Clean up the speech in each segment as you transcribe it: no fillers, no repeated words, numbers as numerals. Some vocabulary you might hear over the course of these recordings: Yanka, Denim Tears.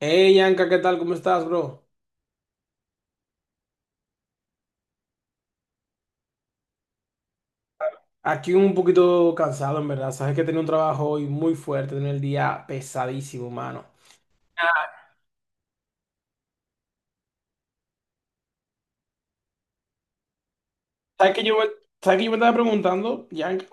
Hey, Yanka, ¿qué tal? ¿Cómo estás, bro? Aquí un poquito cansado, en verdad. Sabes que tenía un trabajo hoy muy fuerte, tenía el día pesadísimo, mano. ¿Sabes que yo, me- sabes que yo me estaba preguntando, Yanka?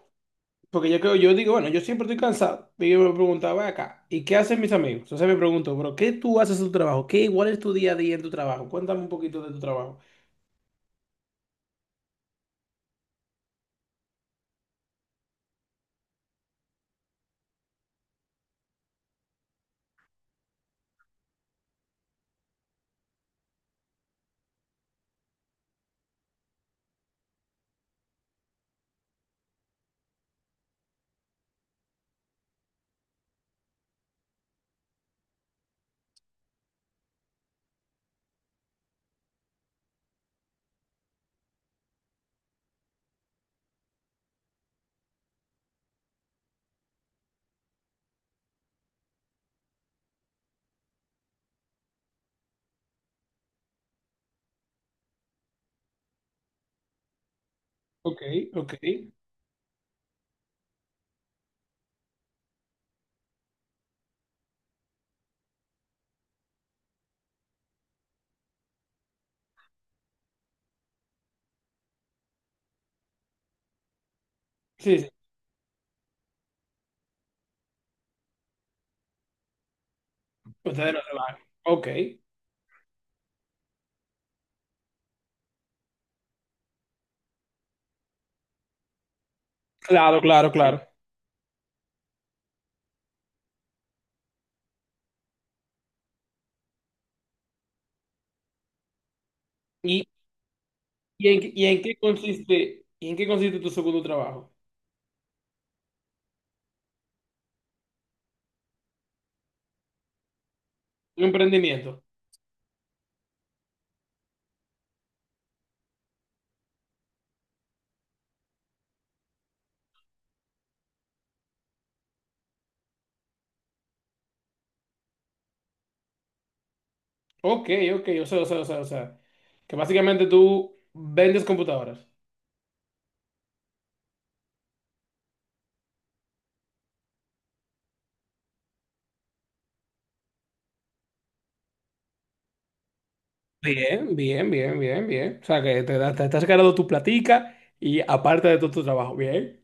Porque yo digo, bueno, yo siempre estoy cansado. Y yo me preguntaba acá, ¿y qué hacen mis amigos? Entonces me pregunto, bro, ¿qué tú haces en tu trabajo? ¿Qué igual es tu día a día en tu trabajo? Cuéntame un poquito de tu trabajo. Ok, ok. Sí, sí. Ustedes no trabajan. Ok. Claro, claro, claro. ¿Y, y en qué consiste, tu segundo trabajo? Un emprendimiento. Ok, ok, o sea, que básicamente tú vendes computadoras. Bien, bien, bien, bien, bien. O sea, que te estás ganando tu platica y aparte de todo tu trabajo, bien.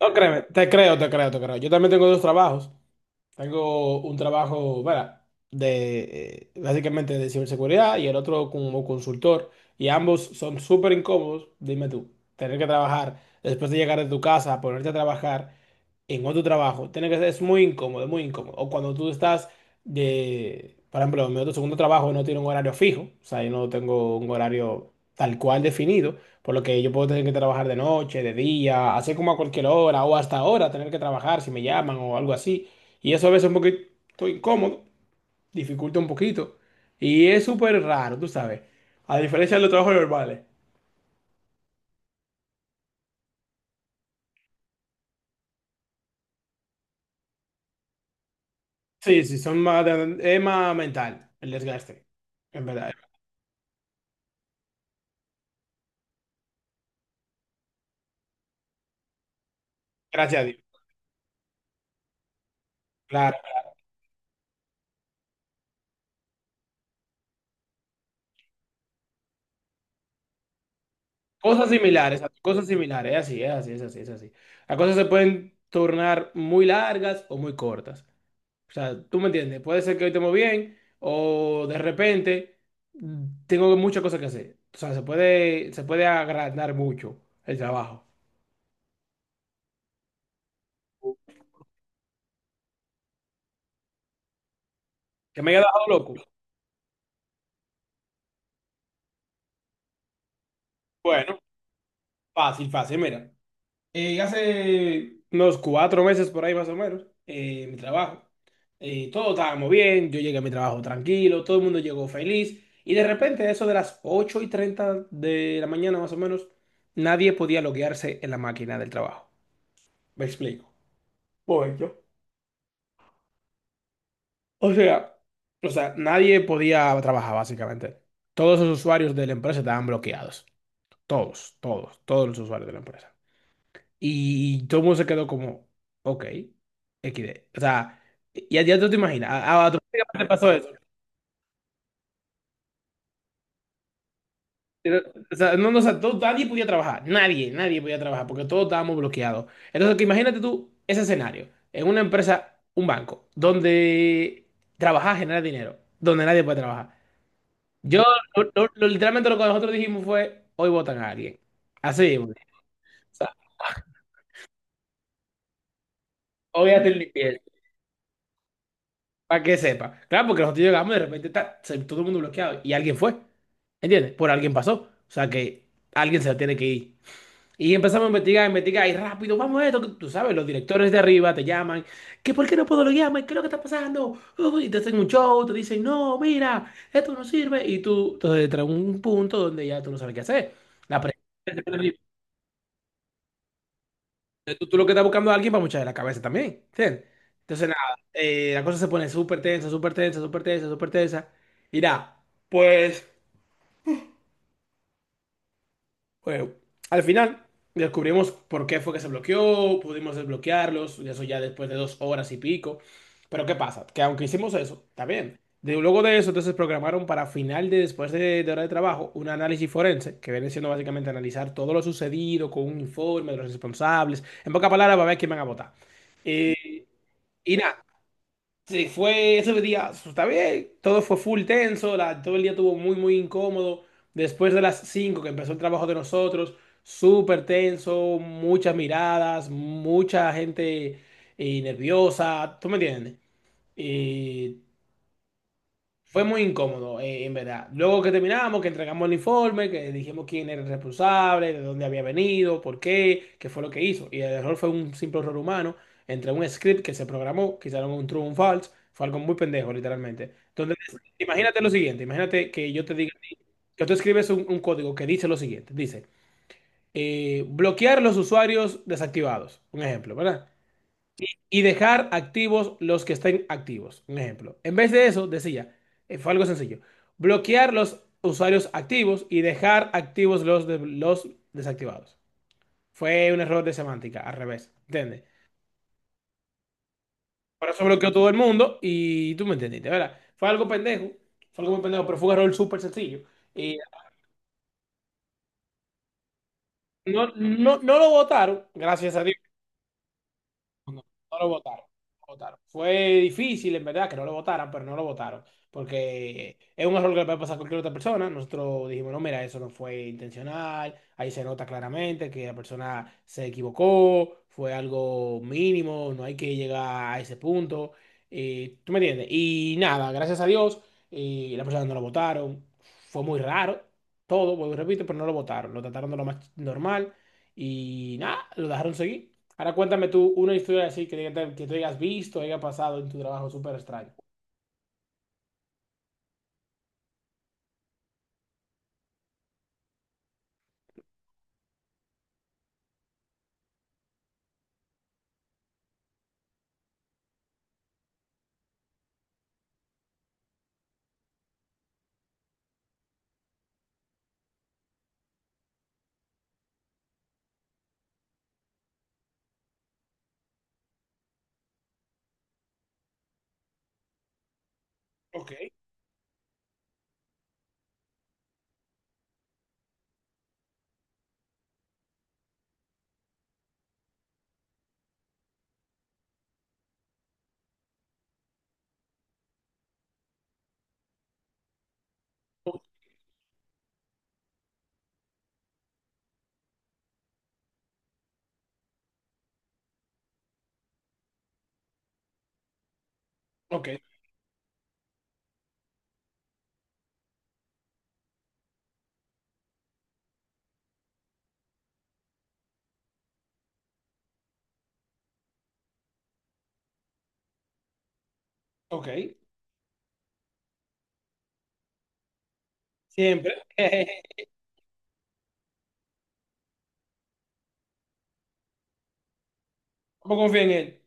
No, créeme, te creo, te creo, te creo. Yo también tengo dos trabajos. Tengo un trabajo, bueno, básicamente de ciberseguridad y el otro como consultor. Y ambos son súper incómodos, dime tú. Tener que trabajar después de llegar de tu casa, ponerte a trabajar en otro trabajo, es muy incómodo, muy incómodo. O cuando tú estás, por ejemplo, en mi otro segundo trabajo no tiene un horario fijo, o sea, yo no tengo un horario tal cual definido, por lo que yo puedo tener que trabajar de noche, de día, así como a cualquier hora o hasta ahora tener que trabajar si me llaman o algo así. Y eso a veces es un poquito incómodo, dificulta un poquito. Y es súper raro, tú sabes. A diferencia de los trabajos normales. Sí, sí, es más mental el desgaste, en verdad. Gracias a Dios. Claro. Cosas similares, es así, es así, es así, es así. Las cosas se pueden tornar muy largas o muy cortas. O sea, tú me entiendes, puede ser que hoy estemos bien o de repente tengo muchas cosas que hacer. O sea, se puede agrandar mucho el trabajo. ¿Que me haya dejado loco? Bueno, fácil, fácil, mira. Hace unos 4 meses por ahí más o menos, mi trabajo. Todos estábamos bien, yo llegué a mi trabajo tranquilo, todo el mundo llegó feliz. Y de repente, a eso de las 8:30 de la mañana más o menos, nadie podía loguearse en la máquina del trabajo. Me explico. Voy yo. O sea, o sea, nadie podía trabajar básicamente. Todos los usuarios de la empresa estaban bloqueados. Todos, todos, todos los usuarios de la empresa. Y todo el mundo se quedó como, ok, XD. O sea, ya, ya tú te imaginas, automáticamente pasó eso. O sea, no, no, o sea, nadie podía trabajar, nadie, nadie podía trabajar porque todos estábamos bloqueados. Entonces, que imagínate tú ese escenario, en una empresa, un banco, donde trabajar genera dinero, donde nadie puede trabajar. Yo, lo- literalmente lo que nosotros dijimos fue, hoy votan a alguien. Así, mismo. O sea, hoy hacen limpieza. Para que sepa. Claro, porque nosotros llegamos y de repente todo el mundo bloqueado y alguien fue. ¿Entiendes? Por alguien pasó. O sea que alguien se tiene que ir. Y empezamos a investigar, investigar y rápido, vamos a esto, que tú sabes, los directores de arriba te llaman. ¿Que por qué no puedo loguearme? ¿Qué es lo que está pasando? Uy, y te hacen un show, te dicen, no, mira, esto no sirve. Y tú, entonces, entra un punto donde ya tú no sabes qué hacer. La presión tú lo que estás buscando a alguien para mucha la cabeza también. ¿Entiendes? Entonces, nada, la cosa se pone súper tensa, súper tensa, súper tensa, súper tensa. Y nada, pues, bueno, al final descubrimos por qué fue que se bloqueó, pudimos desbloquearlos, y eso ya después de 2 horas y pico. Pero ¿qué pasa? Que aunque hicimos eso, está bien. Luego de eso, entonces programaron para final de después de hora de trabajo un análisis forense, que viene siendo básicamente analizar todo lo sucedido con un informe de los responsables. En pocas palabras, va a ver quién van a votar. Eh, y nada, Sí, fue ese día, pues, está bien, todo fue full tenso, todo el día estuvo muy, muy incómodo. Después de las 5 que empezó el trabajo de nosotros, súper tenso, muchas miradas, mucha gente nerviosa, ¿tú me entiendes? Eh, fue muy incómodo, en verdad. Luego que terminamos, que entregamos el informe, que dijimos quién era el responsable, de dónde había venido, por qué, qué fue lo que hizo. Y el error fue un simple error humano entre un script que se programó, que hicieron un true o un false. Fue algo muy pendejo, literalmente. Entonces, imagínate lo siguiente, imagínate que yo te diga, que tú escribes un código que dice lo siguiente, dice, bloquear los usuarios desactivados, un ejemplo, ¿verdad? Y dejar activos los que estén activos. Un ejemplo. En vez de eso, decía, fue algo sencillo, bloquear los usuarios activos y dejar activos los desactivados. Fue un error de semántica, al revés, ¿entiendes? Por eso bloqueó todo el mundo y tú me entendiste, ¿verdad? Fue algo pendejo, fue algo muy pendejo, pero fue un error súper sencillo. Y no, no, no lo votaron, gracias a Dios. No, no, no lo votaron. No lo votaron. Fue difícil, en verdad, que no lo votaran, pero no lo votaron. Porque es un error que le puede pasar a cualquier otra persona. Nosotros dijimos, no, mira, eso no fue intencional. Ahí se nota claramente que la persona se equivocó. Fue algo mínimo. No hay que llegar a ese punto. ¿Tú me entiendes? Y nada, gracias a Dios, la persona no lo votaron. Fue muy raro. Todo, vuelvo y repito, pero no lo votaron. Lo trataron de lo más normal. Y nada, lo dejaron seguir. Ahora cuéntame tú una historia así que tú hayas visto, haya pasado en tu trabajo súper extraño. Ok, o- ok, ok. Siempre. ¿Cómo confía en él?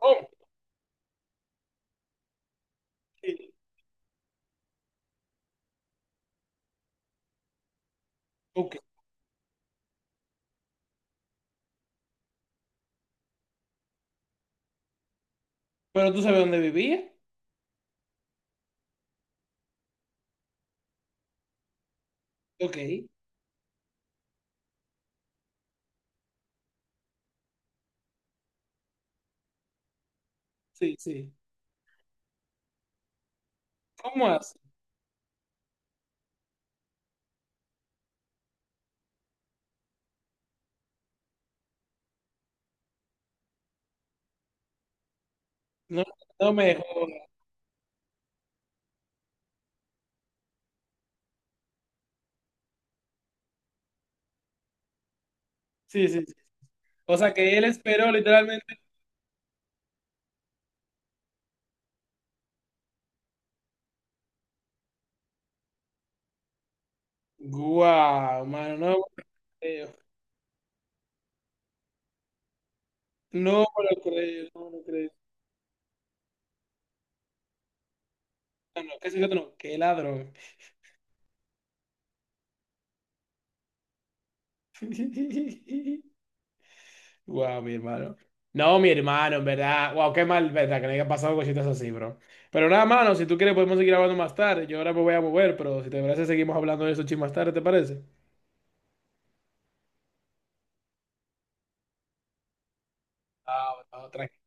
Oh, sí, ok. Pero tú sabes dónde vivía. Ok, sí, sí. ¿Cómo así? No, no me jodas. Sí, sí, sí. O sea que él esperó literalmente. Guau, mano, no me lo creo. No me lo creo, no me lo creo. No, no, qué sé yo, no. Qué ladrón. Wow, mi hermano. No, mi hermano, en verdad. Wow, qué mal, verdad, que le haya pasado cositas así, bro. Pero nada, mano, si tú quieres podemos seguir hablando más tarde. Yo ahora me voy a mover, pero si te parece, seguimos hablando de eso chin más tarde, ¿te parece? Ah, bueno, tranqui.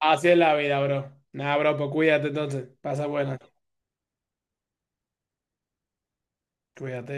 Así es la vida, bro. Nada, bro, pues cuídate entonces. Pasa buena. Cuídate.